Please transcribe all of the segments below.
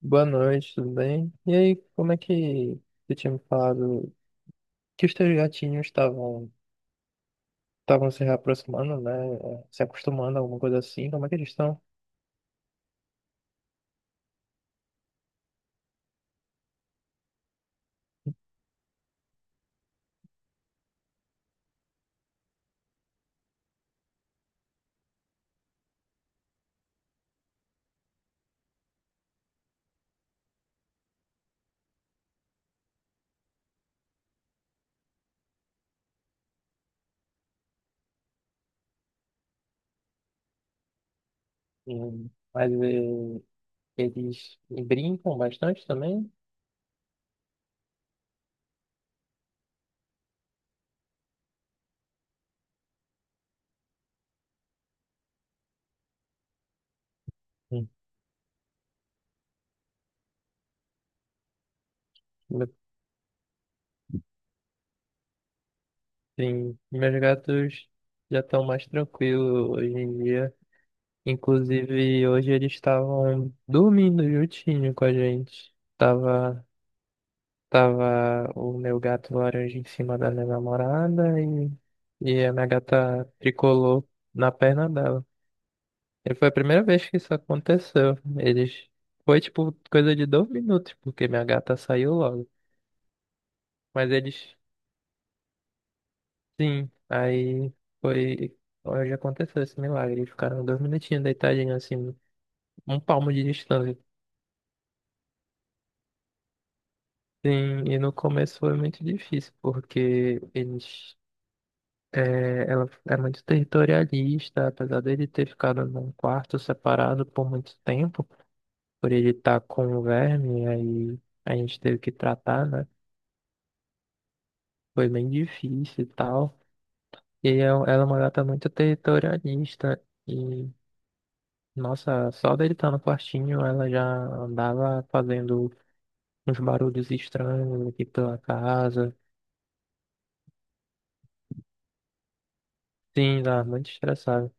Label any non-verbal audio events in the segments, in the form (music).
Boa noite, tudo bem? E aí, como é que você tinha me falado que os teus gatinhos estavam se reaproximando, né? Se acostumando a alguma coisa assim? Como é que eles estão? Hum, Mas eles brincam bastante também? Hum. Me- Sim, meus gatos já estão mais tranquilos hoje em dia. Inclusive, hoje eles estavam dormindo juntinho com a gente. Tava o meu gato laranja em cima da minha namorada e a minha gata tricolou na perna dela. E foi a primeira vez que isso aconteceu. Eles. Foi tipo coisa de 2 minutos, porque minha gata saiu logo. Mas eles. Sim, aí foi. Hoje aconteceu esse milagre. Eles ficaram dois minutinhos deitadinhos assim, um palmo de distância. Sim, e no começo foi muito difícil, porque eles é, ela é muito territorialista, apesar dele ter ficado num quarto separado por muito tempo, por ele estar com o verme, aí a gente teve que tratar, né? Foi bem difícil e tal. Ela é uma gata muito territorialista, e nossa, só dele estar no quartinho, ela já andava fazendo uns barulhos estranhos aqui pela casa. Sim, tá muito estressada.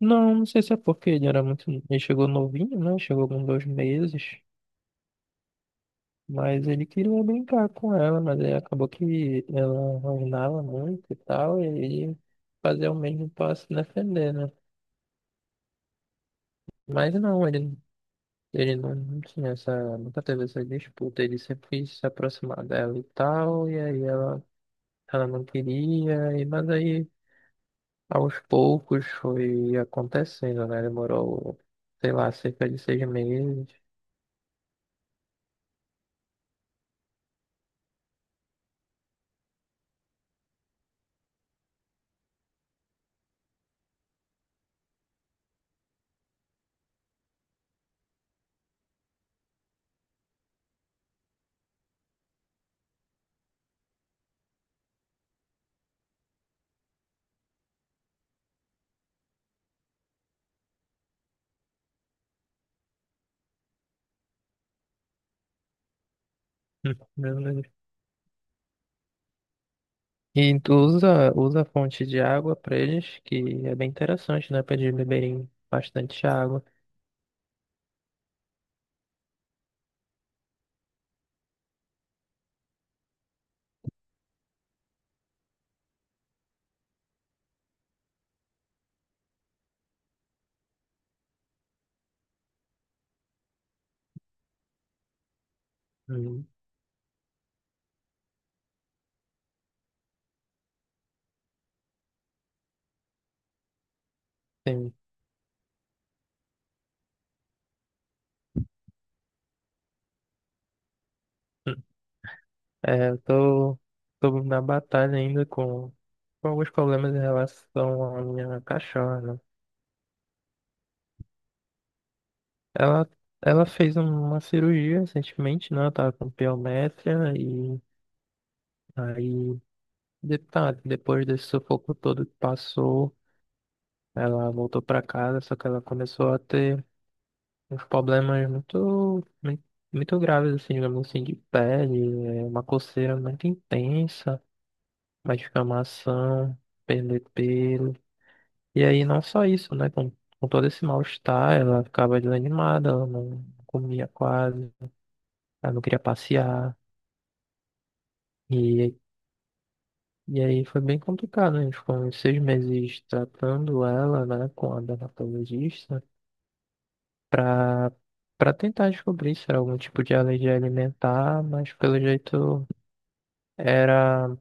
Não, não sei se é porque ele era muito. Ele chegou novinho, né? Chegou com 2 meses. Mas ele queria brincar com ela, mas aí acabou que ela rosnava muito e tal, e ele fazia o mesmo para se defender, né? Mas não, ele não, não tinha essa, nunca teve essa disputa, ele sempre quis se aproximar dela e tal, ela não queria, mas aí aos poucos foi acontecendo, né? Demorou, sei lá, cerca de 6 meses. (laughs) E usa a fonte de água para eles, que é bem interessante, né? Para eles beberem bastante água. Hum. Sim. Hum. Eu tô na batalha ainda com alguns problemas em relação à minha cachorra, né? Ela, ela fez uma cirurgia recentemente, né? Ela tava com piométria e aí, depois desse sufoco todo que passou, ela voltou para casa, só que ela começou a ter uns problemas muito graves, assim, digamos assim, de pele, é, uma coceira muito intensa, uma descamação, perder pelo. E aí não só isso, né? Com todo esse mal-estar, ela ficava desanimada, ela não comia quase, ela não queria passear. E, e aí foi bem complicado, né? A gente ficou uns 6 meses tratando ela, né, com a dermatologista, pra, pra tentar descobrir se era algum tipo de alergia alimentar, mas pelo jeito. Era,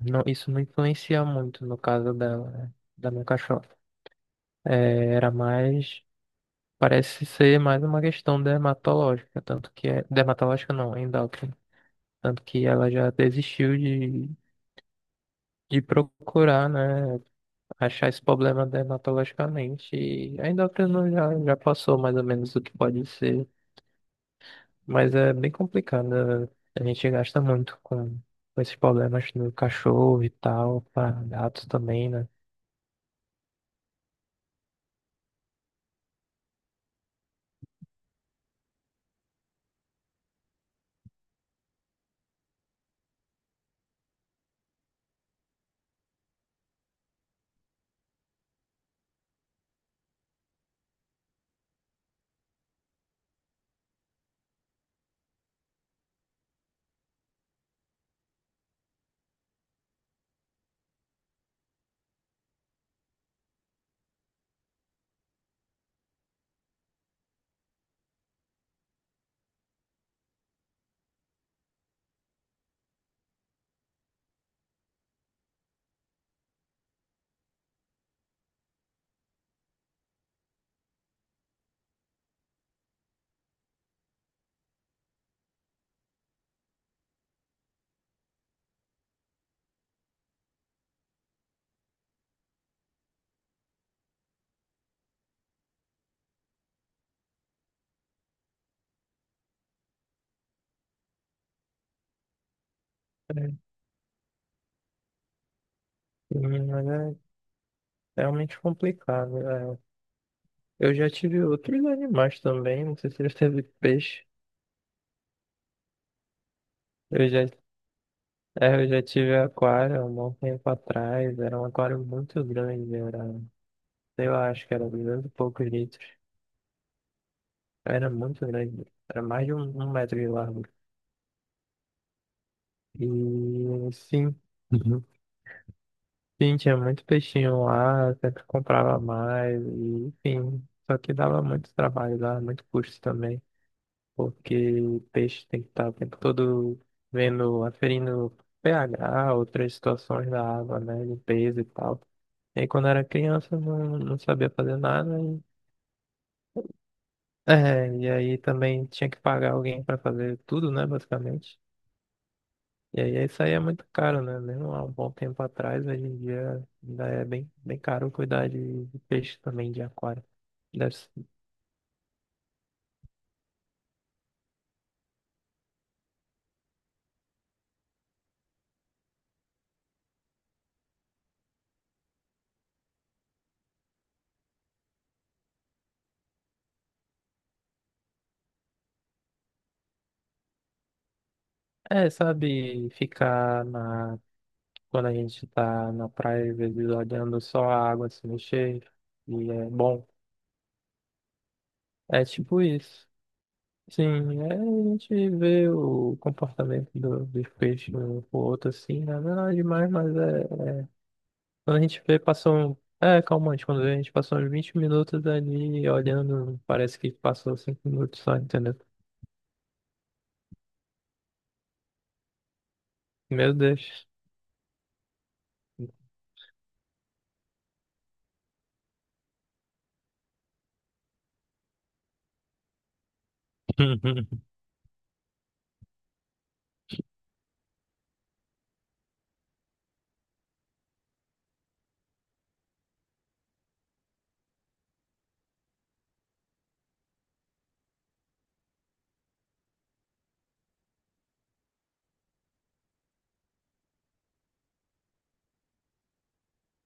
não, isso não influencia muito no caso dela, né? Da minha cachorra. É, era mais, parece ser mais uma questão dermatológica, tanto que é, dermatológica não, endócrina. Tanto que ela já desistiu de procurar, né? Achar esse problema dermatologicamente. E a endócrina já passou mais ou menos o que pode ser, mas é bem complicado, né? A gente gasta muito com esses problemas no cachorro e tal, para gatos também, né? Sim, mas é realmente complicado. É. Eu já tive outros animais também, não sei se já teve peixe. Eu já, eu já tive aquário há um bom tempo atrás, era um aquário muito grande, era, sei lá, acho que era 200 e poucos litros. Era muito grande, era mais de um, um metro de largo. E sim. Uhum. Sim, tinha muito peixinho lá, sempre comprava mais, e, enfim. Só que dava muito trabalho, dava muito custo também, porque o peixe tem que estar o tempo todo vendo, aferindo pH, outras situações da água, né, limpeza e tal. E aí, quando era criança, não sabia fazer nada. E aí também tinha que pagar alguém para fazer tudo, né, basicamente. E aí isso aí é muito caro, né? Mesmo há um bom tempo atrás, hoje em dia ainda é bem caro cuidar de peixe também de aquário. Deve, s- sabe, ficar na quando a gente tá na praia, às vezes olhando só a água se mexer, e é bom. É tipo isso. A gente vê o comportamento do, dos peixes um pro outro assim, né? Não é nada demais, mas é. Quando a gente vê, passou. É calmante, quando a gente passou uns 20 minutos ali olhando, parece que passou 5 minutos só, entendeu? Meu Deus. (laughs)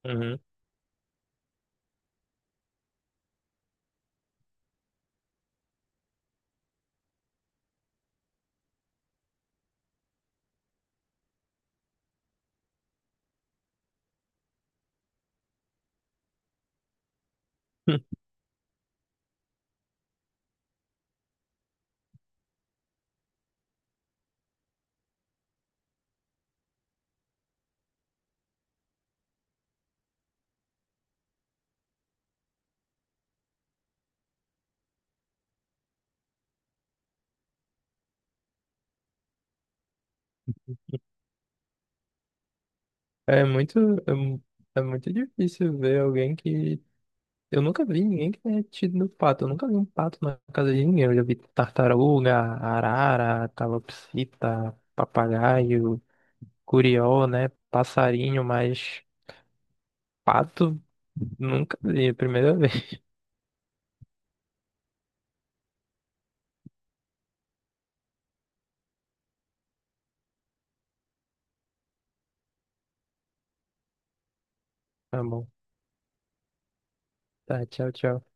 Uhum. É muito, é, mu- é muito difícil ver alguém que eu nunca vi ninguém que tenha tido no pato. Eu nunca vi um pato na casa de ninguém. Eu já vi tartaruga, arara, calopsita, papagaio, curió, né? Passarinho, mas pato nunca vi. É a primeira vez. (laughs) Tá bom. Tá, tchau, tchau.